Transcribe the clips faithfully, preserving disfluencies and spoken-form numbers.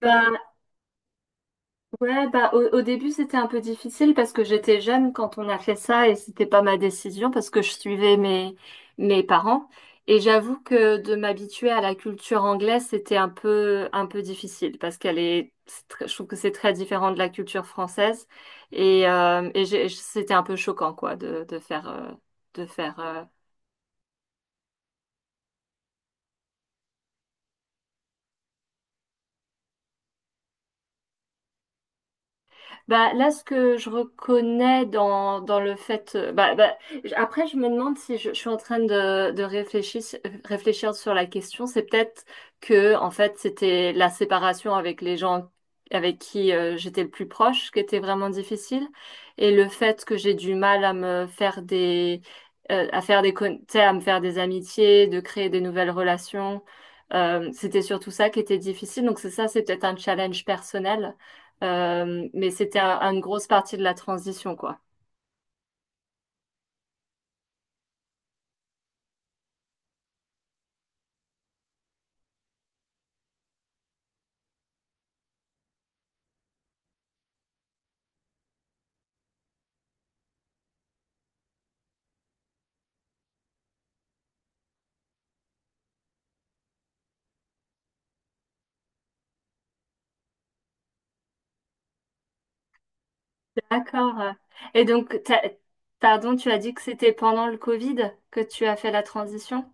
Bah, ouais, bah, au, au début, c'était un peu difficile parce que j'étais jeune quand on a fait ça et c'était pas ma décision parce que je suivais mes, mes parents. Et j'avoue que de m'habituer à la culture anglaise, c'était un peu, un peu difficile parce qu'elle est, c'est très- je trouve que c'est très différent de la culture française. Et, euh, et j'ai- c'était un peu choquant, quoi, de, de faire, euh, de faire, euh, bah, là, ce que je reconnais dans, dans le fait... euh, Bah, bah, j- Après, je me demande si je, je suis en train de, de réfléchir, réfléchir sur la question. C'est peut-être que, en fait, c'était la séparation avec les gens avec qui euh, j'étais le plus proche qui était vraiment difficile. Et le fait que j'ai du mal à me faire des... euh, à faire des, con- tu sais, à me faire des amitiés, de créer des nouvelles relations. Euh, c'était surtout ça qui était difficile. Donc, c'est ça, c'est peut-être un challenge personnel. Euh, mais c'était un- une grosse partie de la transition, quoi. D'accord. Et donc, t'as- pardon, tu as dit que c'était pendant le Covid que tu as fait la transition?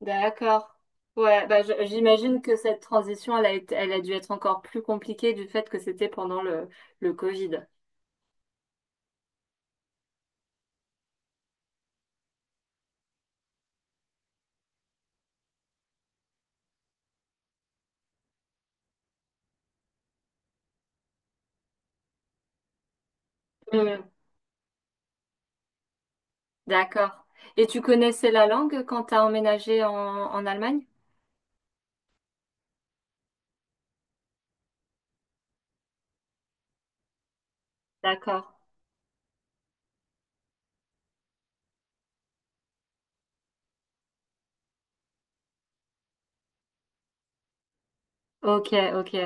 D'accord. Ouais, bah, je- j'imagine que cette transition, elle a été- elle a dû être encore plus compliquée du fait que c'était pendant le, le Covid. Hmm, D'accord. Et tu connaissais la langue quand tu as emménagé en, en Allemagne? D'accord. Ok, ok.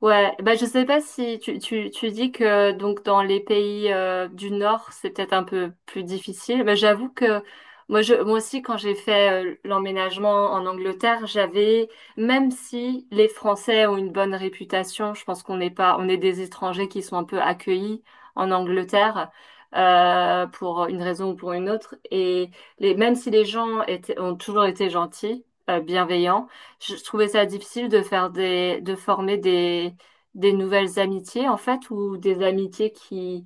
Ouais, bah je sais pas si tu, tu, tu dis que donc dans les pays euh, du Nord, c'est peut-être un peu plus difficile. Mais j'avoue que moi je moi aussi quand j'ai fait euh, l'emménagement en Angleterre, j'avais même si les Français ont une bonne réputation, je pense qu'on n'est pas on est des étrangers qui sont un peu accueillis en Angleterre euh, pour une raison ou pour une autre. Et les même si les gens étaient ont toujours été gentils, euh, bienveillants, je je trouvais ça difficile de faire des, de former des, des nouvelles amitiés, en fait, ou des amitiés qui,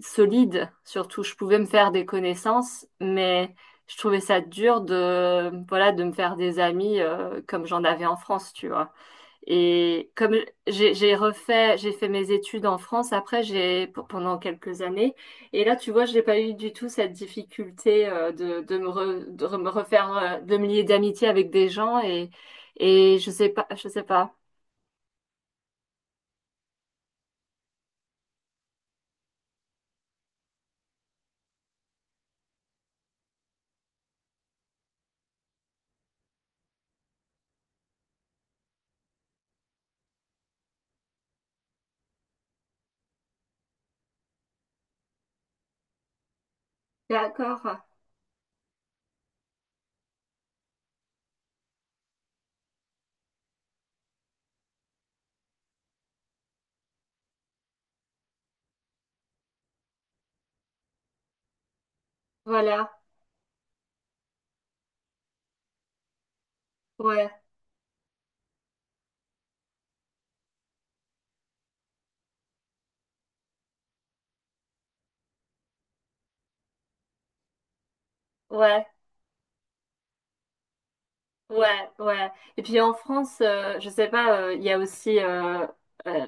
solides, surtout. Je pouvais me faire des connaissances, mais je trouvais ça dur de, voilà, de me faire des amis, euh, comme j'en avais en France, tu vois. Et comme j'ai j'ai refait, j'ai fait mes études en France après, j'ai pour- pendant quelques années. Et là, tu vois, j'ai pas eu du tout cette difficulté euh, de, de me re- de me refaire, euh, de me lier d'amitié avec des gens. Et et je sais pas, je sais pas. D'accord. Voilà. Ouais. Ouais. Ouais. Ouais. Et puis en France, euh, je sais pas, euh, il y a aussi euh, euh,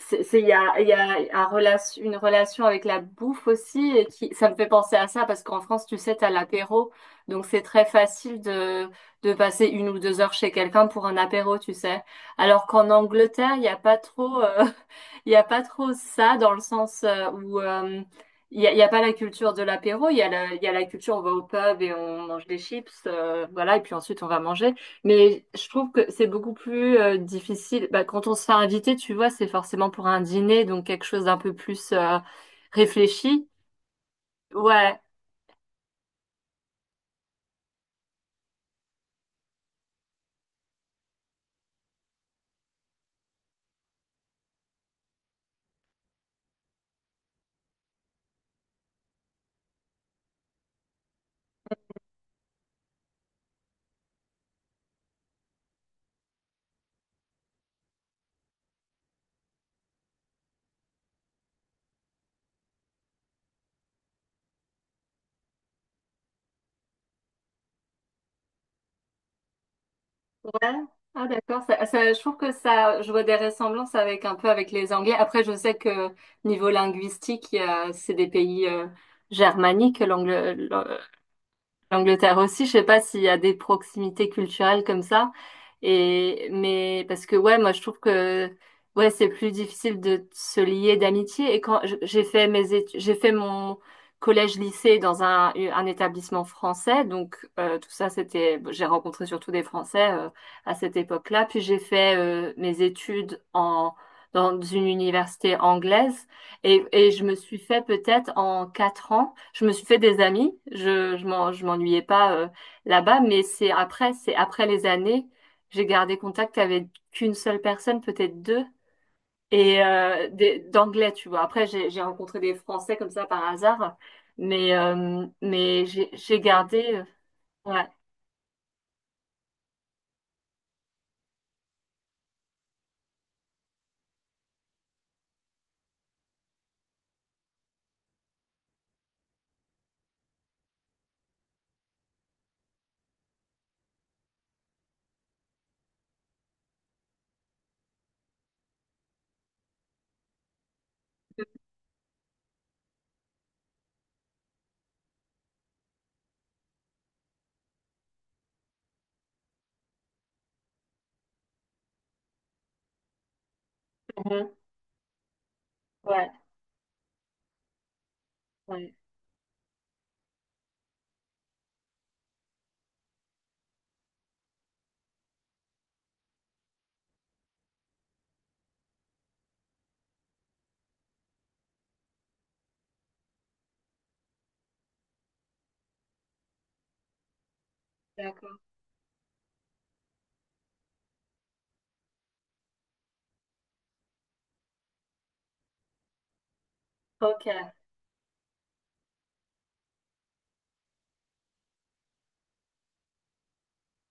C'est, c'est- il y a, il y a un relation, une relation avec la bouffe aussi, et qui, ça me fait penser à ça, parce qu'en France, tu sais, t'as l'apéro, donc c'est très facile de, de passer une ou deux heures chez quelqu'un pour un apéro, tu sais. Alors qu'en Angleterre, il n'y a pas trop, euh, il y a pas trop ça, dans le sens euh, où euh, il n'y a, il y a pas la culture de l'apéro, il y a la, il y a la culture, on va au pub et on mange des chips, euh, voilà, et puis ensuite on va manger. Mais je trouve que c'est beaucoup plus euh, difficile. Bah, quand on se fait inviter, tu vois, c'est forcément pour un dîner, donc quelque chose d'un peu plus euh, réfléchi. Ouais, ouais. Ah d'accord. Ça, ça- je trouve que ça, je vois des ressemblances avec un peu avec les Anglais. Après, je sais que niveau linguistique, il y a- c'est des pays euh, germaniques, l'angle, l'Angleterre aussi, je sais pas s'il y a des proximités culturelles comme ça. Et mais parce que ouais, moi je trouve que ouais, c'est plus difficile de se lier d'amitié. Et quand je- j'ai fait mes études, j'ai fait mon collège-lycée dans un, un établissement français, donc euh, tout ça c'était, bon, j'ai rencontré surtout des Français euh, à cette époque-là. Puis j'ai fait euh, mes études en dans une université anglaise. Et, et je me suis fait peut-être en quatre ans, je me suis fait des amis. Je je m'en- je m'ennuyais pas euh, là-bas, mais c'est après, c'est après les années, j'ai gardé contact avec qu'une seule personne, peut-être deux, et euh, des- d'anglais, tu vois. Après, j'ai j'ai rencontré des Français comme ça par hasard, mais euh, mais j'ai j'ai gardé. Euh, ouais. Mhm. Ouais, ouais, d'accord. Ok,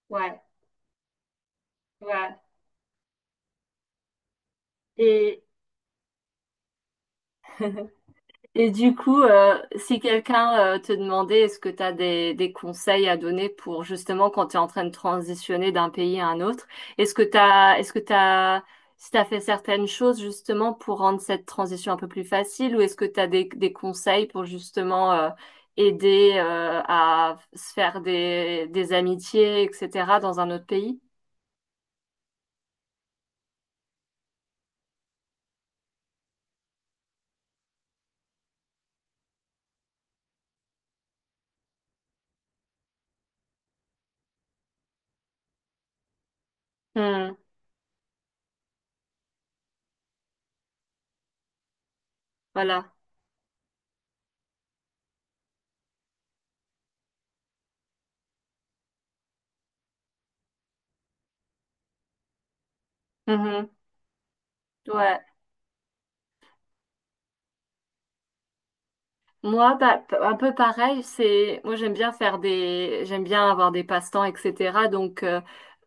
ouais, ouais. Et et du coup, euh, si quelqu'un euh, te demandait est-ce que tu as des, des conseils à donner pour justement quand tu es en train de transitionner d'un pays à un autre, est-ce que tu as, est-ce que tu as, si tu as fait certaines choses justement pour rendre cette transition un peu plus facile, ou est-ce que tu as des, des conseils pour justement euh, aider euh, à se faire des, des amitiés, et cætera, dans un autre pays? Hmm, voilà. Mhm. Ouais. Moi, bah, p- un peu pareil, c'est moi j'aime bien faire des j'aime bien avoir des passe-temps, et cætera. Donc euh,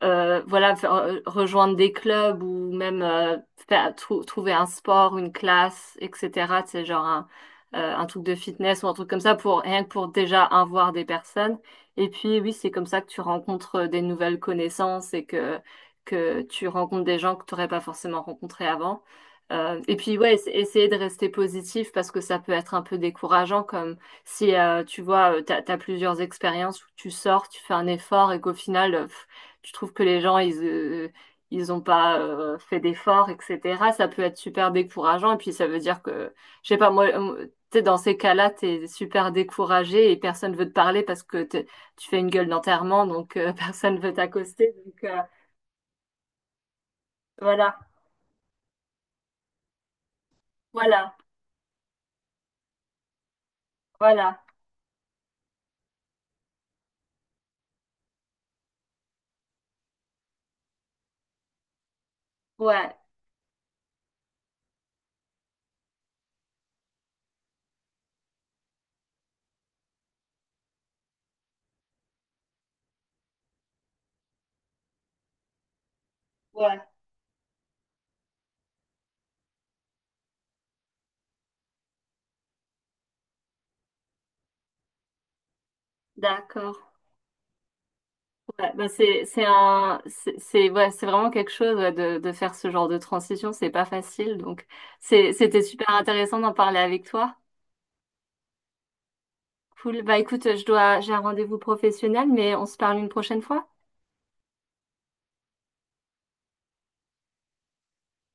euh, voilà, faire- euh, rejoindre des clubs ou même euh, faire- trou- trouver un sport, une classe, et cætera. C'est genre un, euh, un truc de fitness ou un truc comme ça pour rien que pour déjà un voir des personnes. Et puis oui, c'est comme ça que tu rencontres euh, des nouvelles connaissances et que que tu rencontres des gens que tu n'aurais pas forcément rencontrés avant. Euh, et puis ouais, essa- essayer de rester positif parce que ça peut être un peu décourageant comme si euh, tu vois, euh, t'as, t'as plusieurs expériences où tu sors, tu fais un effort et qu'au final, euh, pff, tu trouves que les gens, ils, euh, ils ont pas euh, fait d'efforts, et cætera. Ça peut être super décourageant et puis ça veut dire que, je sais pas, moi, euh, t'es dans ces cas-là, t'es super découragé et personne veut te parler parce que t'es- tu fais une gueule d'enterrement, donc euh, personne veut t'accoster. Donc euh, voilà, voilà, voilà, ouais, ouais, d'accord. Ouais, bah c'est c'est un c'est c'est- ouais, c'est vraiment quelque chose ouais, de de faire ce genre de transition, c'est pas facile. Donc c'est c'était super intéressant d'en parler avec toi. Cool. Bah écoute, je dois j'ai un rendez-vous professionnel, mais on se parle une prochaine fois.